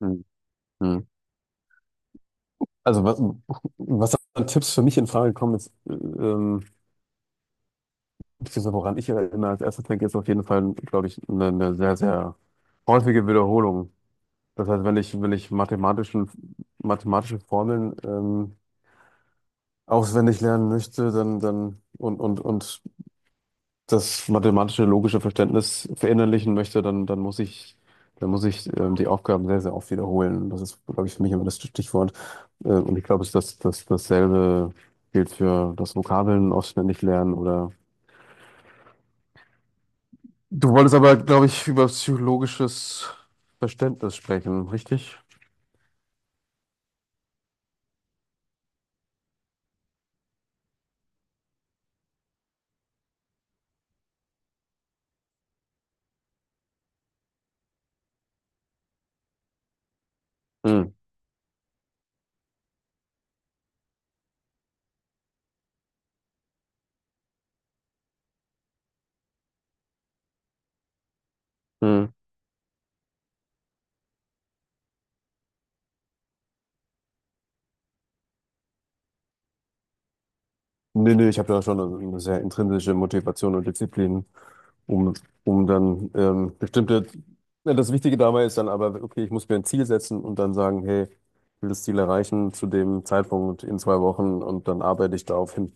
Hm, hm. Also was, was an Tipps für mich in Frage kommen ist, beziehungsweise woran ich immer als erstes denke, ist auf jeden Fall, glaube ich, eine sehr häufige Wiederholung. Das heißt, wenn ich mathematische Formeln auswendig lernen möchte, dann und das mathematische, logische Verständnis verinnerlichen möchte, dann muss ich, dann muss ich die Aufgaben sehr oft wiederholen. Das ist, glaube ich, für mich immer das Stichwort. Und ich glaube, es ist dasselbe gilt für das Vokabeln auswendig lernen oder. Du wolltest aber, glaube ich, über psychologisches Verständnis sprechen, richtig? Hm, hm. Nee, ich habe da schon eine sehr intrinsische Motivation und Disziplin, um, um dann bestimmte, ja, das Wichtige dabei ist dann aber, okay, ich muss mir ein Ziel setzen und dann sagen, hey, ich will das Ziel erreichen zu dem Zeitpunkt in zwei Wochen und dann arbeite ich darauf hin.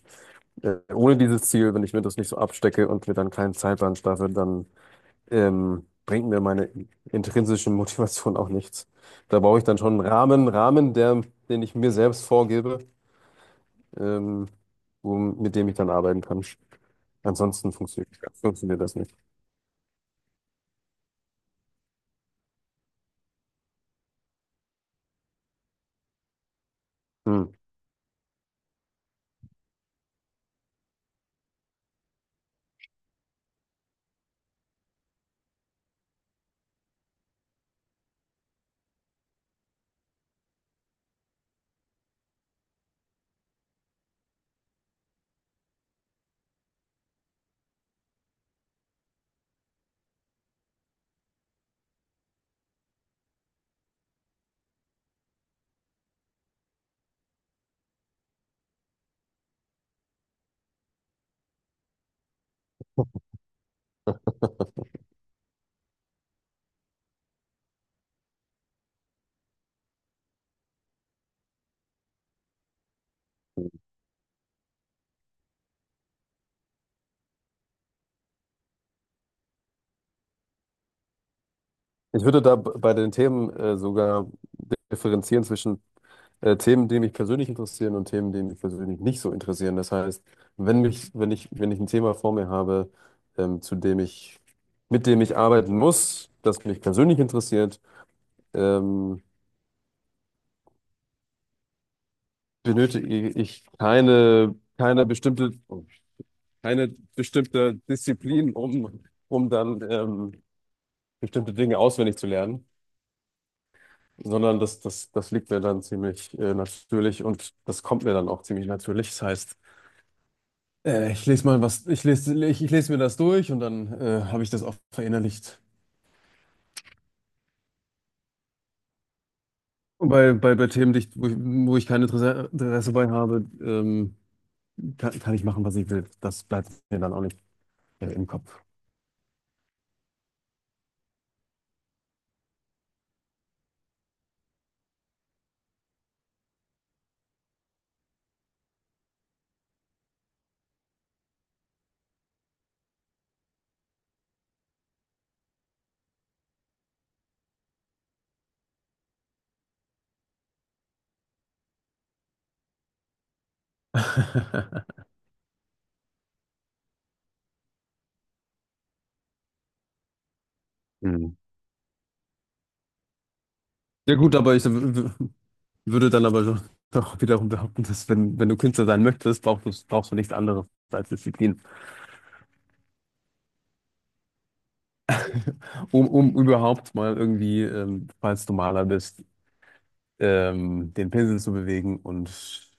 Ohne dieses Ziel, wenn ich mir das nicht so abstecke und mir dann keinen Zeitplan schaffe, dann bringt mir meine intrinsische Motivation auch nichts. Da brauche ich dann schon einen Rahmen, der, den ich mir selbst vorgebe ähm, wo, mit dem ich dann arbeiten kann. Ansonsten funktioniert das nicht. Hm. Ich würde da bei den Themen sogar differenzieren zwischen Themen, die mich persönlich interessieren und Themen, die mich persönlich nicht so interessieren. Das heißt, wenn ich ein Thema vor mir habe, zu dem ich, mit dem ich arbeiten muss, das mich persönlich interessiert, ähm, benötige ich keine keine bestimmte Disziplin, um, um dann bestimmte Dinge auswendig zu lernen, sondern das liegt mir dann ziemlich natürlich und das kommt mir dann auch ziemlich natürlich. Das heißt, ich lese mal was, ich lese mir das durch und dann habe ich das auch verinnerlicht. Und bei Themen, wo ich kein Interesse bei habe, kann, kann ich machen, was ich will. Das bleibt mir dann auch nicht im Kopf. Hm. Ja gut, aber würde dann aber schon doch wiederum behaupten, dass wenn du Künstler sein möchtest, brauchst du nichts anderes als Disziplin. Um, um überhaupt mal irgendwie, falls du Maler bist, den Pinsel zu bewegen und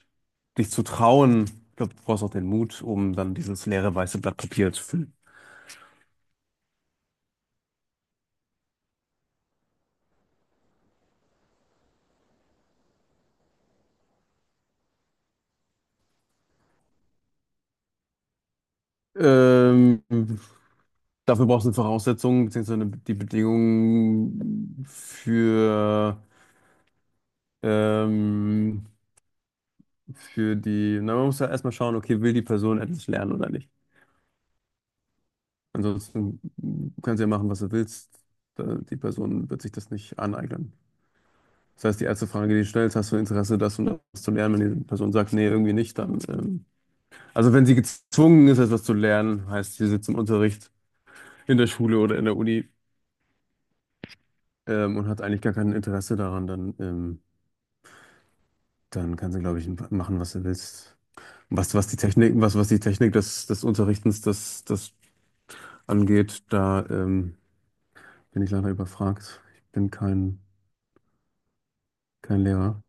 dich zu trauen. Ich glaube, du brauchst auch den Mut, um dann dieses leere weiße Blatt Papier zu füllen. Ähm, Dafür brauchst du Voraussetzungen, beziehungsweise die Bedingungen ähm, für die, na, man muss ja erstmal schauen, okay, will die Person etwas lernen oder nicht. Ansonsten kannst du ja machen, was du willst. Die Person wird sich das nicht aneignen. Das heißt, die erste Frage, die du stellst, hast du Interesse, das und das zu lernen? Wenn die Person sagt, nee, irgendwie nicht, dann. Also, wenn sie gezwungen ist, etwas zu lernen, heißt, sie sitzt im Unterricht in der Schule oder in der Uni und hat eigentlich gar kein Interesse daran, dann, dann kann sie, glaube ich, machen, was sie willst. Was die was die Technik des, des Unterrichtens das angeht, da bin ich leider überfragt. Ich bin kein Lehrer.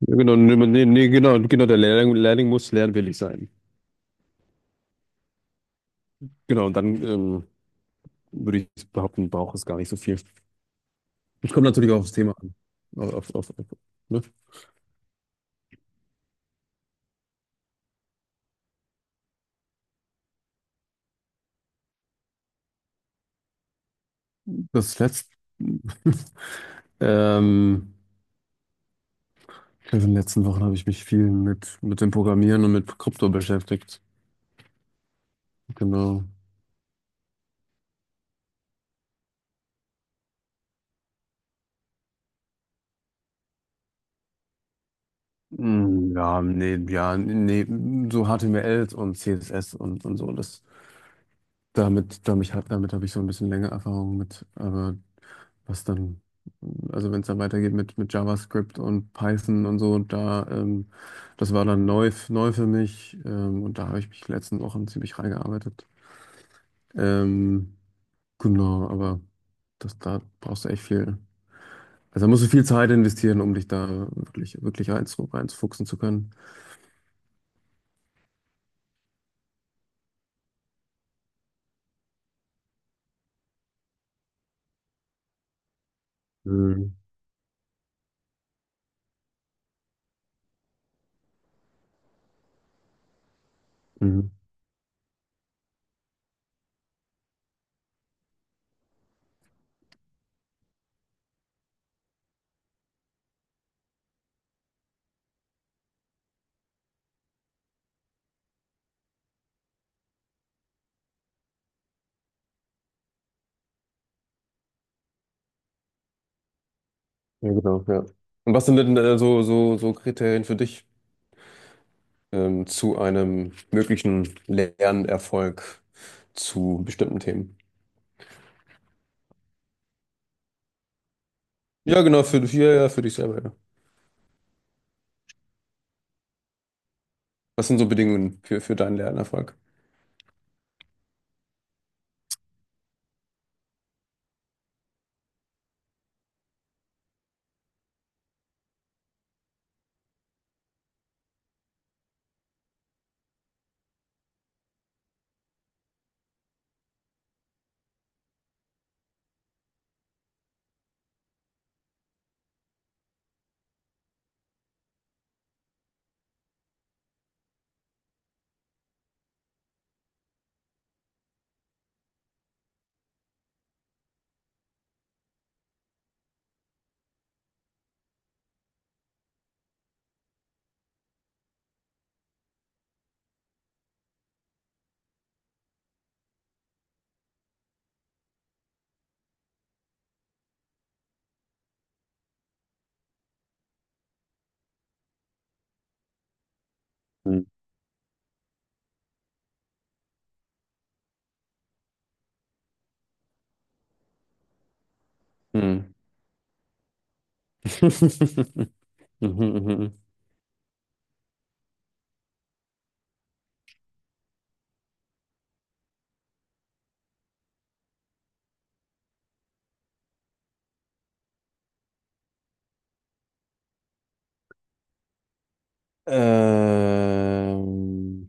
Ja, genau, genau, der Lehrling muss lernwillig sein. Genau, und dann würde ich behaupten, braucht es gar nicht so viel. Ich komme natürlich auch aufs Thema an. Auf, auf, auf, auf, ne? Das letzte. Ähm, in den letzten Wochen habe ich mich viel mit dem Programmieren und mit Krypto beschäftigt. Genau. Mm, ja, nee, so HTML und CSS und so, das, damit habe ich so ein bisschen länger Erfahrung mit, aber was dann, also wenn es dann weitergeht mit JavaScript und Python und so, da, das war dann neu, neu für mich, und da habe ich mich die letzten Wochen ziemlich reingearbeitet. Ähm, genau, aber das, da brauchst du echt viel. Also da musst du viel Zeit investieren, um dich da wirklich reinzufuchsen zu können. Mhm. Mhm. Ja, genau, ja. Und was sind denn so, so Kriterien für dich zu einem möglichen Lernerfolg zu bestimmten Themen? Ja, genau, für, ja, ja, für dich selber, ja. Was sind so Bedingungen für deinen Lernerfolg? Hm. Hm. Mhm, mhm. Ähm,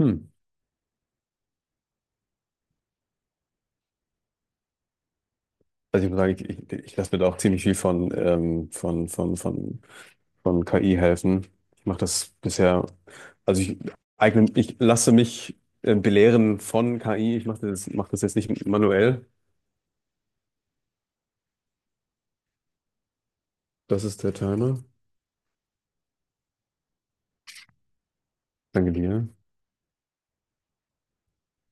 hm. Also ich muss sagen, ich lasse mir da auch ziemlich viel von, von KI helfen. Ich mache das bisher, also ich eigne, ich lasse mich belehren von KI. Ich mache mach das jetzt nicht manuell. Das ist der Timer. Danke dir.